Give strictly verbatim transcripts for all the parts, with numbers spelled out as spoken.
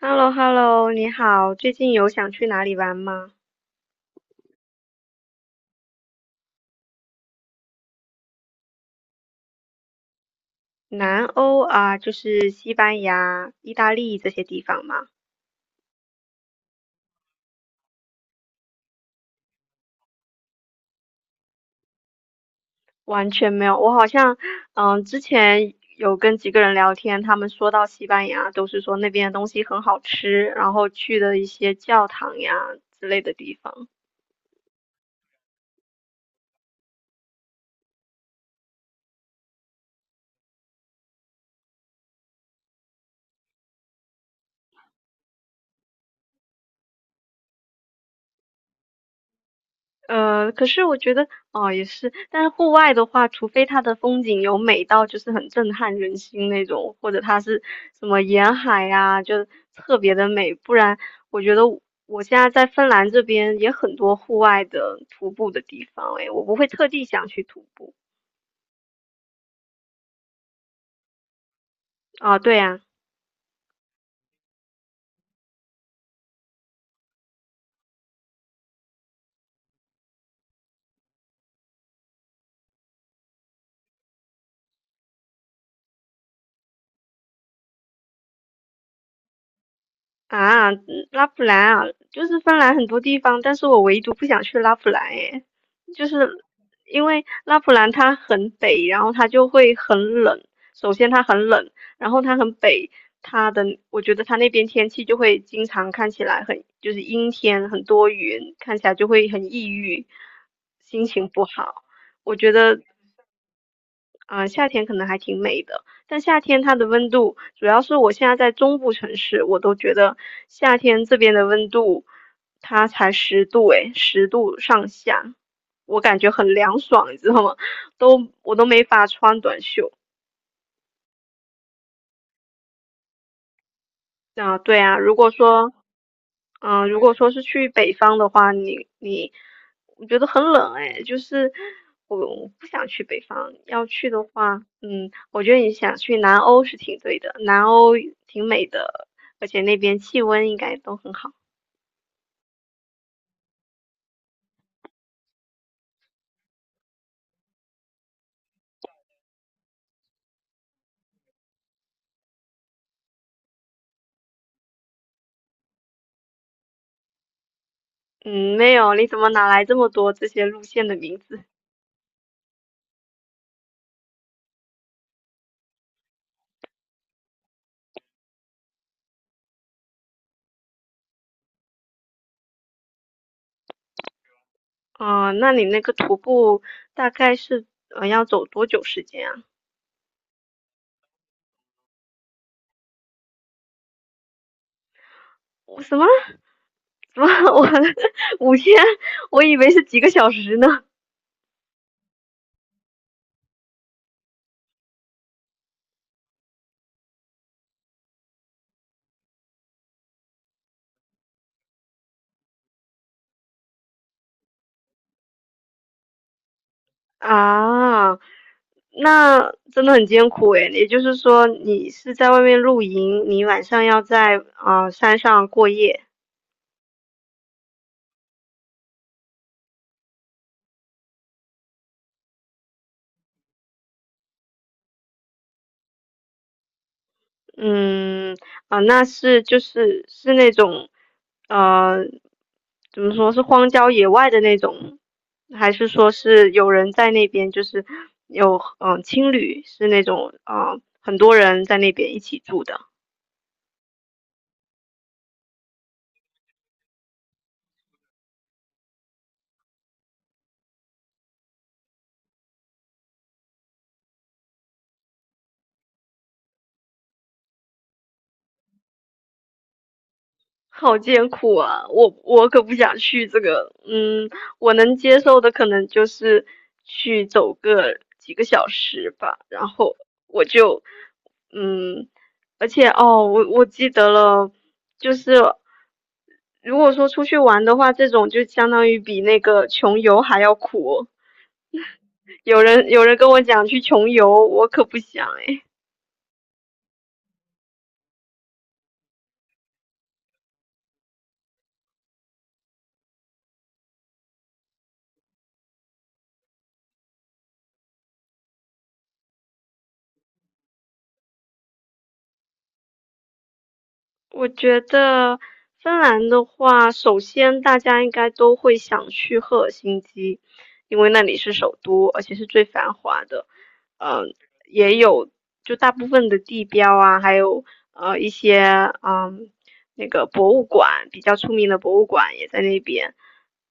h e l l o h e l l o 你好，最近有想去哪里玩吗？南欧啊，就是西班牙、意大利这些地方吗？完全没有，我好像，嗯，之前有跟几个人聊天，他们说到西班牙，都是说那边的东西很好吃，然后去的一些教堂呀之类的地方。呃，可是我觉得哦，也是，但是户外的话，除非它的风景有美到就是很震撼人心那种，或者它是什么沿海呀、就特别的美，不然我觉得我现在在芬兰这边也很多户外的徒步的地方，诶，我不会特地想去徒步啊，对呀。啊，嗯，拉普兰啊，就是芬兰很多地方，但是我唯独不想去拉普兰诶，就是因为拉普兰它很北，然后它就会很冷。首先它很冷，然后它很北，它的我觉得它那边天气就会经常看起来很就是阴天，很多云，看起来就会很抑郁，心情不好。我觉得啊、呃夏天可能还挺美的，但夏天它的温度，主要是我现在在中部城市，我都觉得夏天这边的温度，它才十度诶，十度上下，我感觉很凉爽，你知道吗？都我都没法穿短袖。啊、对啊，如果说嗯，呃如果说是去北方的话，你你，我觉得很冷哎，就是我我不想去北方。要去的话，嗯，我觉得你想去南欧是挺对的，南欧挺美的，而且那边气温应该都很好。嗯，没有，你怎么哪来这么多这些路线的名字？嗯，那你那个徒步大概是呃要走多久时间啊？我什么？什么？我 五天？我以为是几个小时呢。啊，那真的很艰苦诶，也就是说，你是在外面露营，你晚上要在啊、呃山上过夜。嗯，啊、那是就是是那种，呃，怎么说是荒郊野外的那种，还是说是有人在那边，就是有嗯、呃青旅是那种啊、呃很多人在那边一起住的。好艰苦啊！我我可不想去这个，嗯，我能接受的可能就是去走个几个小时吧，然后我就，嗯，而且哦，我我记得了，就是如果说出去玩的话，这种就相当于比那个穷游还要苦。有人有人跟我讲去穷游，我可不想哎。我觉得芬兰的话，首先大家应该都会想去赫尔辛基，因为那里是首都，而且是最繁华的。嗯、也有就大部分的地标啊，还有呃一些嗯，那个博物馆比较出名的博物馆也在那边。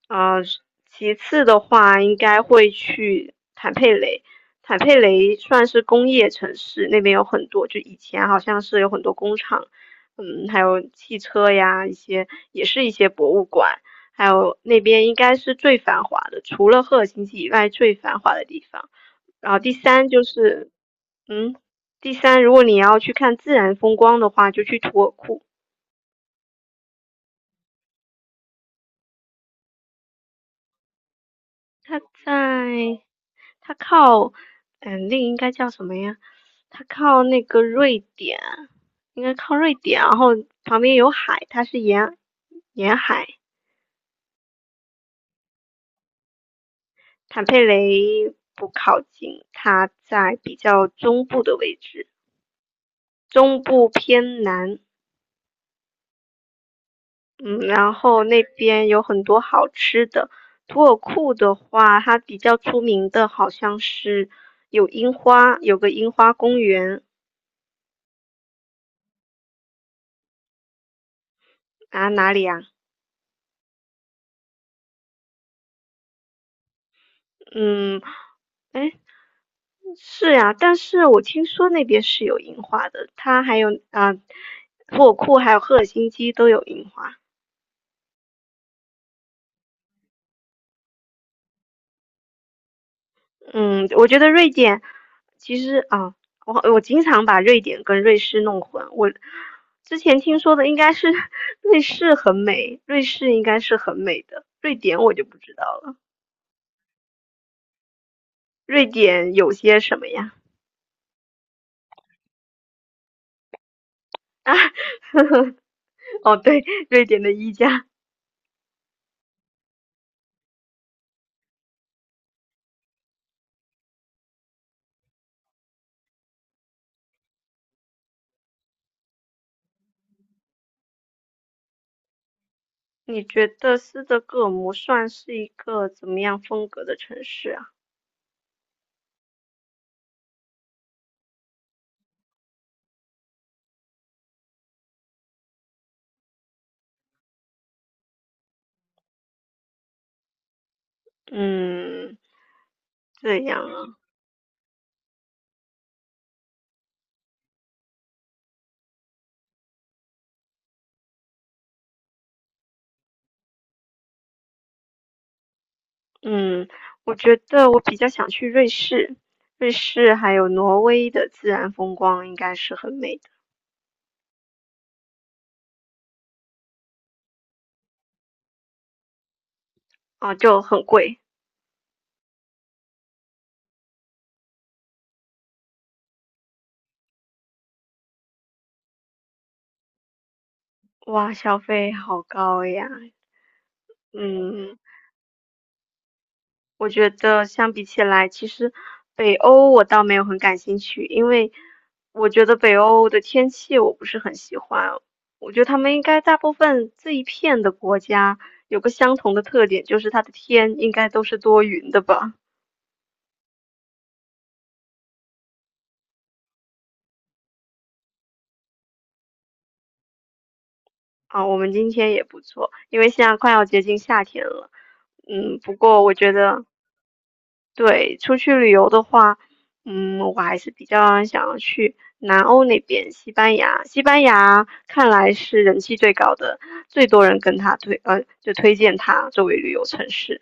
呃，其次的话，应该会去坦佩雷。坦佩雷算是工业城市，那边有很多，就以前好像是有很多工厂嗯，还有汽车呀，一些也是一些博物馆，还有那边应该是最繁华的，除了赫尔辛基以外最繁华的地方。然后第三就是，嗯，第三，如果你要去看自然风光的话，就去图尔库，它在它靠，嗯，那个应该叫什么呀？它靠那个瑞典，应该靠瑞典，然后旁边有海，它是沿沿海。坦佩雷不靠近它在比较中部的位置，中部偏南，嗯，然后那边有很多好吃的。图尔库的话，它比较出名的好像是有樱花，有个樱花公园啊，哪里啊？嗯，哎，是呀、但是我听说那边是有樱花的，它还有啊，土尔库还有赫尔辛基都有樱花。嗯，我觉得瑞典其实啊，我我经常把瑞典跟瑞士弄混。我之前听说的应该是 瑞士很美，瑞士应该是很美的，瑞典我就不知道了。瑞典有些什么呀？哦，对，瑞典的衣架。你觉得斯德哥尔摩算是一个怎么样风格的城市啊？嗯，这样啊。嗯，我觉得我比较想去瑞士，瑞士还有挪威的自然风光应该是很美的。啊，就很贵，哇，消费好高呀。嗯，我觉得相比起来，其实北欧我倒没有很感兴趣，因为我觉得北欧的天气我不是很喜欢，我觉得他们应该大部分这一片的国家有个相同的特点，就是它的天应该都是多云的吧。啊，我们今天也不错，因为现在快要接近夏天了。嗯，不过我觉得，对，出去旅游的话，嗯，我还是比较想要去南欧那边，西班牙。西班牙看来是人气最高的，最多人跟他推，呃，就推荐他作为旅游城市。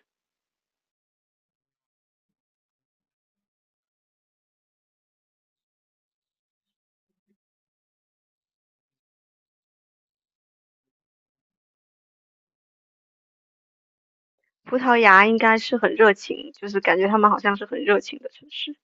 葡萄牙应该是很热情，就是感觉他们好像是很热情的城市。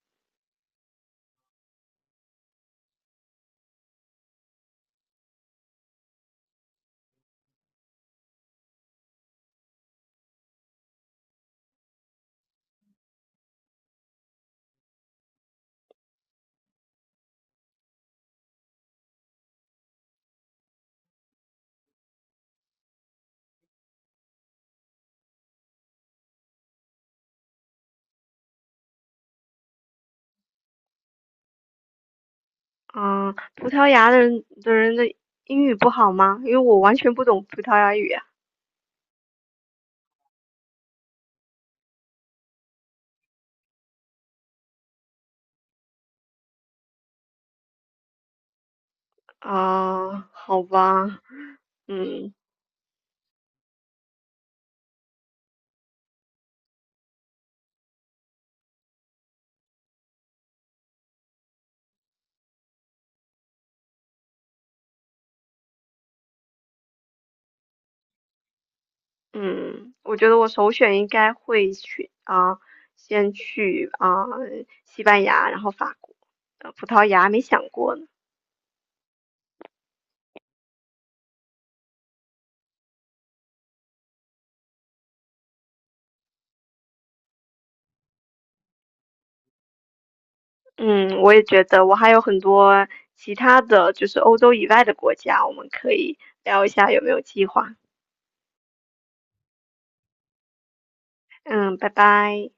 嗯，葡萄牙的人的人的英语不好吗？因为我完全不懂葡萄牙语啊。啊，好吧，嗯嗯，我觉得我首选应该会去啊，先去啊西班牙，然后法国，呃，葡萄牙没想过呢。嗯，我也觉得我还有很多其他的就是欧洲以外的国家，我们可以聊一下有没有计划。嗯，拜拜。